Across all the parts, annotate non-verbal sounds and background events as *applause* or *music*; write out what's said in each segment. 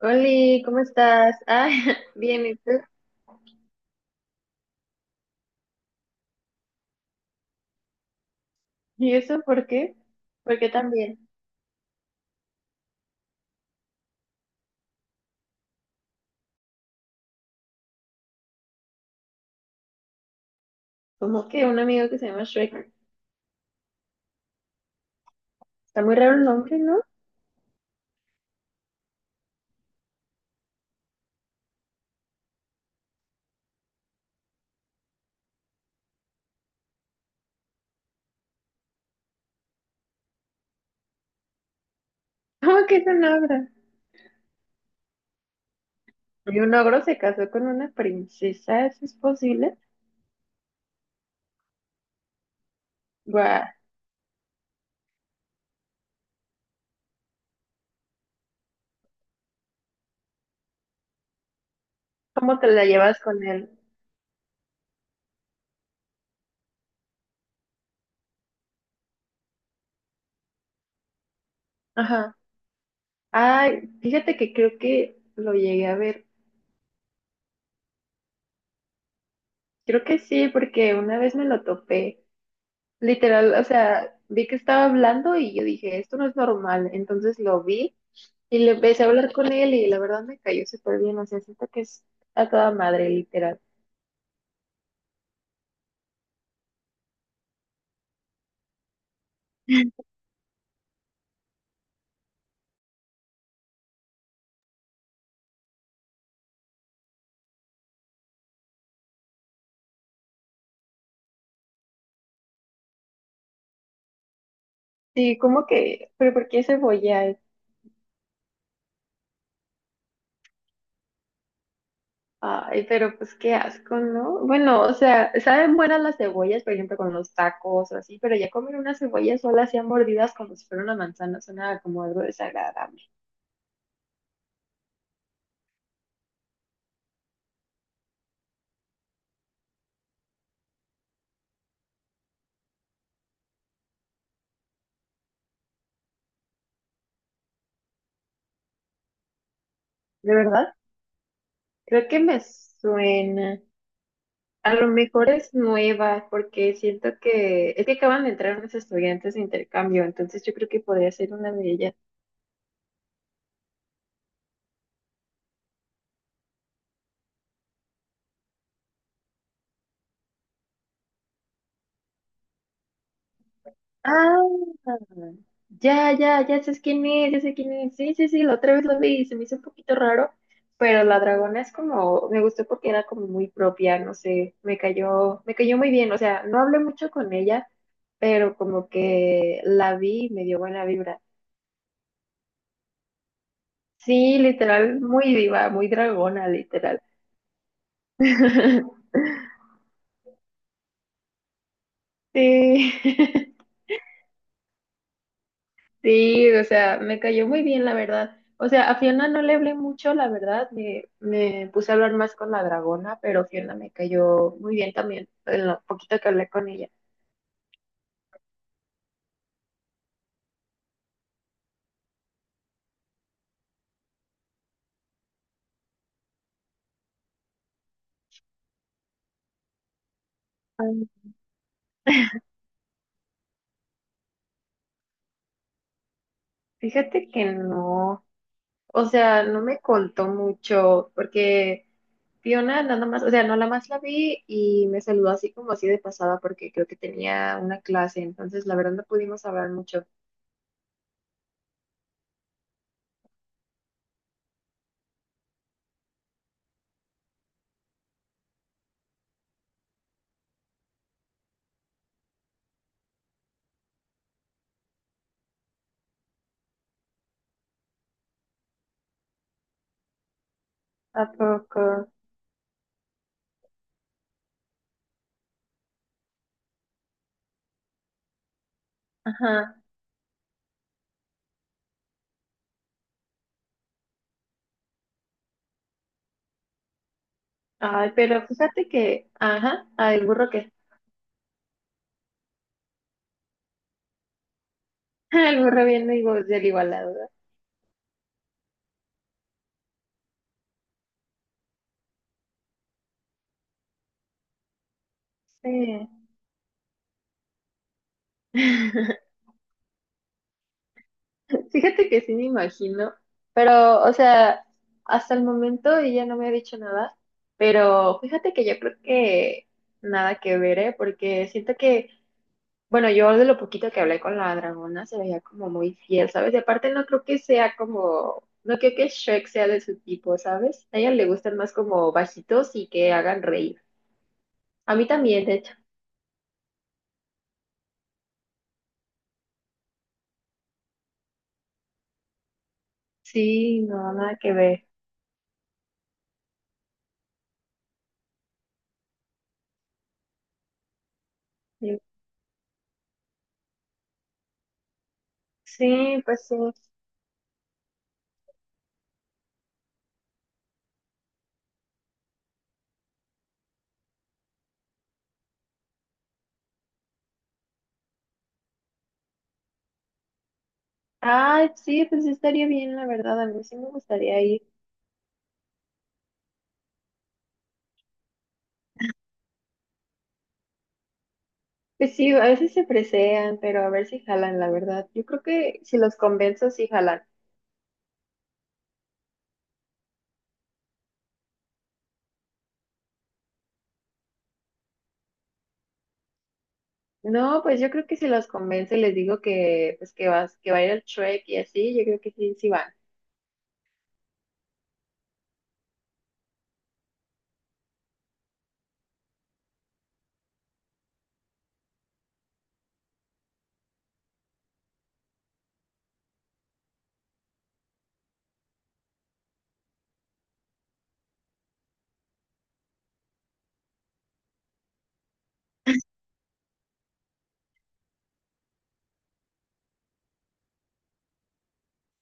Oli, ¿cómo estás? Ah, *laughs* bien, ¿y tú? ¿Y eso por qué? ¿Por qué también? Como que un amigo que se llama Shrek. Está muy raro el nombre, ¿no? *laughs* ¿Cómo que es un ogro? Y un ogro se casó con una princesa, ¿eso es posible? Guau, ¿cómo te la llevas con él? Ajá. Ay, fíjate que creo que lo llegué a ver. Creo que sí, porque una vez me lo topé. Literal, o sea, vi que estaba hablando y yo dije, esto no es normal. Entonces lo vi. Y le empecé a hablar con él y la verdad me cayó súper bien, o sea, siento que es a toda madre, literal. Sí, como que, pero ¿por qué cebolla? Ay, pero pues qué asco, ¿no? Bueno, o sea, saben buenas las cebollas, por ejemplo, con los tacos o así, pero ya comer una cebolla sola así a mordidas como si fuera una manzana suena como algo desagradable. ¿De verdad? Creo que me suena. A lo mejor es nueva, porque siento que es que acaban de entrar unos estudiantes de intercambio, entonces yo creo que podría ser una de ellas. Ah, ya, ya, ya sé quién es, ya sé quién es. Sí, sí, sí, la otra vez lo vi y se me hizo un poquito raro, pero la dragona es como, me gustó porque era como muy propia, no sé, me cayó muy bien, o sea, no hablé mucho con ella, pero como que la vi y me dio buena vibra. Sí, literal, muy diva, muy dragona, literal. *laughs* Sí. *laughs* Sí, o sea, me cayó muy bien, la verdad. O sea, a Fiona no le hablé mucho, la verdad. Me puse a hablar más con la dragona, pero Fiona me cayó muy bien también, en lo poquito que hablé con ella. Ay, fíjate que no, o sea, no me contó mucho, porque Fiona nada más, o sea, no la más la vi y me saludó así como así de pasada, porque creo que tenía una clase, entonces la verdad no pudimos hablar mucho. ¿A poco? Ajá. Ay, pero fíjate que, ajá, ay, el burro que *laughs* el burro viendo y voz del igualado, ¿no? Sí. *laughs* Fíjate que sí me imagino, pero, o sea, hasta el momento ella no me ha dicho nada, pero fíjate que yo creo que nada que ver, ¿eh? Porque siento que, bueno, yo de lo poquito que hablé con la dragona se veía como muy fiel, ¿sabes? Y aparte no creo que sea como, no creo que Shrek sea de su tipo, ¿sabes? A ella le gustan más como bajitos y que hagan reír. A mí también, de hecho. Sí, no, nada que ver. Sí, pues sí. Ah, sí, pues sí estaría bien, la verdad. A mí sí me gustaría ir. Pues sí, a veces se presean, pero a ver si jalan, la verdad. Yo creo que si los convenzo, sí jalan. No, pues yo creo que si los convenzo y les digo que, pues que vas, que va a ir al Trek y así, yo creo que sí, sí van.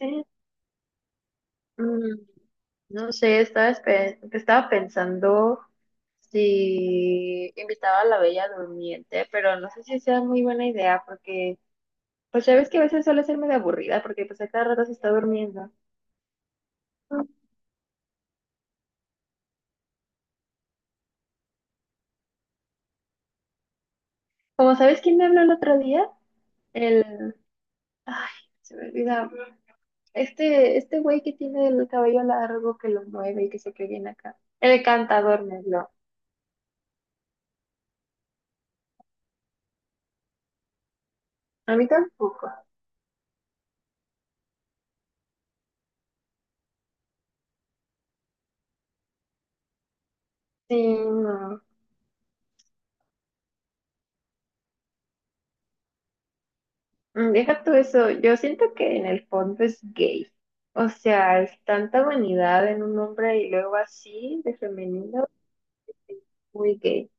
Sí. Mm, no sé, estaba, estaba pensando si invitaba a la Bella Durmiente, pero no sé si sea muy buena idea porque pues ya ves que a veces suele ser medio aburrida porque pues a cada rato se está durmiendo. Como sabes quién me habló el otro día, el... Ay, se me olvida. Este güey que tiene el cabello largo que lo mueve y que se cree bien acá. El cantador me habló. A mí tampoco. Sí, no. Mm, deja tú eso. Yo siento que en el fondo es gay. O sea, es tanta vanidad en un hombre y luego así de femenino, muy gay.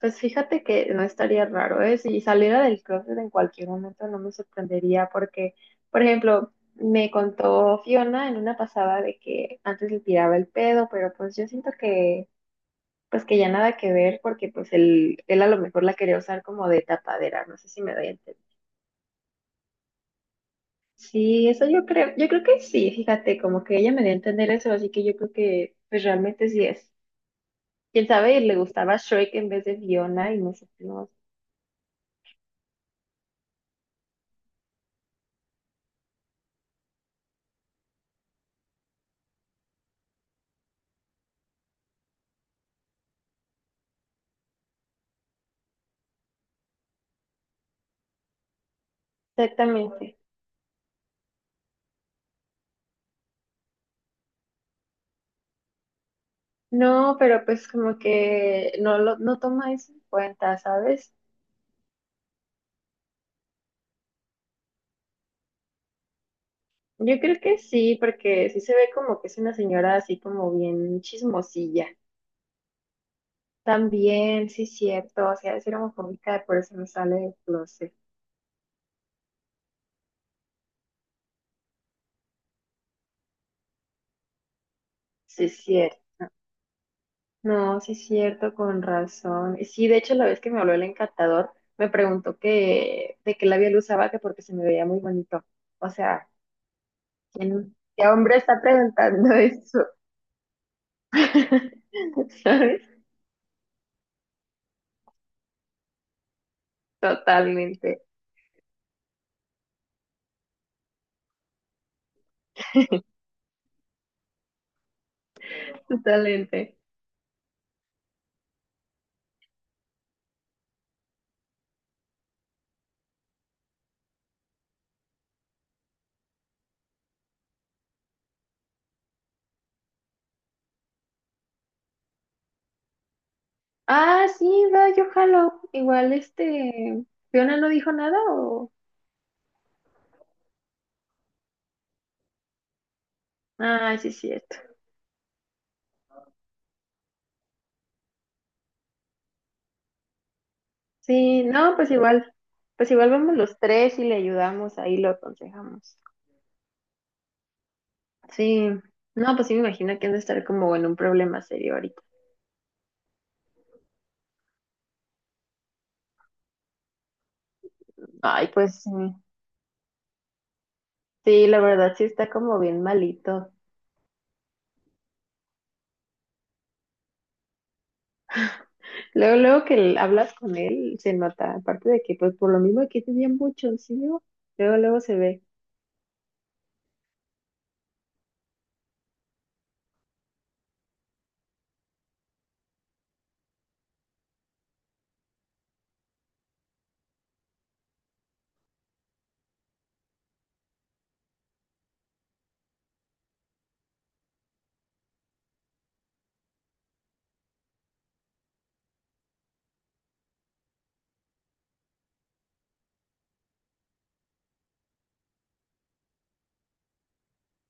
Pues fíjate que no estaría raro, ¿eh? Si saliera del closet en cualquier momento no me sorprendería porque, por ejemplo, me contó Fiona en una pasada de que antes le tiraba el pedo, pero pues yo siento que, pues que ya nada que ver porque pues él a lo mejor la quería usar como de tapadera, no sé si me doy a entender. Sí, eso yo creo que sí, fíjate, como que ella me dio a entender eso, así que yo creo que pues realmente sí es. Quién sabe, le gustaba Shrek en vez de Fiona y no sé, no, exactamente. No, pero pues como que no lo no toma eso en cuenta, ¿sabes? Yo creo que sí, porque sí se ve como que es una señora así como bien chismosilla. También, sí cierto, o sea, es homofóbica, por eso no sale del closet. Sí cierto. No, sí es cierto, con razón. Y sí, de hecho, la vez que me habló el encantador, me preguntó que de qué labial usaba, que porque se me veía muy bonito. O sea, ¿quién, qué hombre está preguntando eso? *laughs* ¿Sabes? Totalmente, totalmente. Ah, sí, va, yo jalo. Igual este, Fiona no dijo nada o... Ah, sí, es cierto. Sí, no, pues igual vamos los tres y le ayudamos, ahí lo aconsejamos. Sí, no, pues sí me imagino que han de estar como en un problema serio ahorita. Ay, pues sí, sí, la verdad sí está como bien malito. Luego, luego que hablas con él, se nota, aparte de que pues por lo mismo que es bien buchoncillo, luego, luego se ve.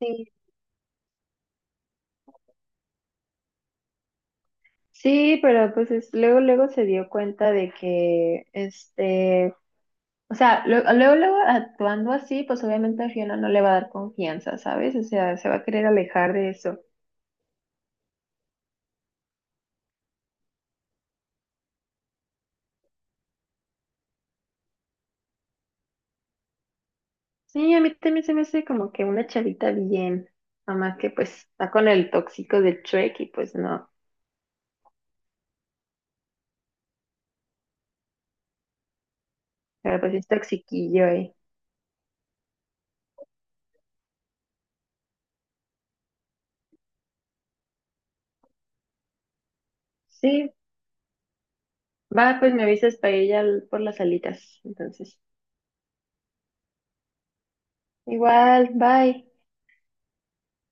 Sí. Sí, pero pues es- luego, luego se dio cuenta de que, este, o sea, luego, luego actuando así, pues obviamente a Fiona no le va a dar confianza, ¿sabes? O sea, se va a querer alejar de eso. Sí, a mí también se me hace como que una chavita bien, nada más que pues está con el tóxico de Trek y pues no, pero pues es toxiquillo, ¿eh? Sí, va, pues me avisas para ir ya por las alitas, entonces. Igual, bye.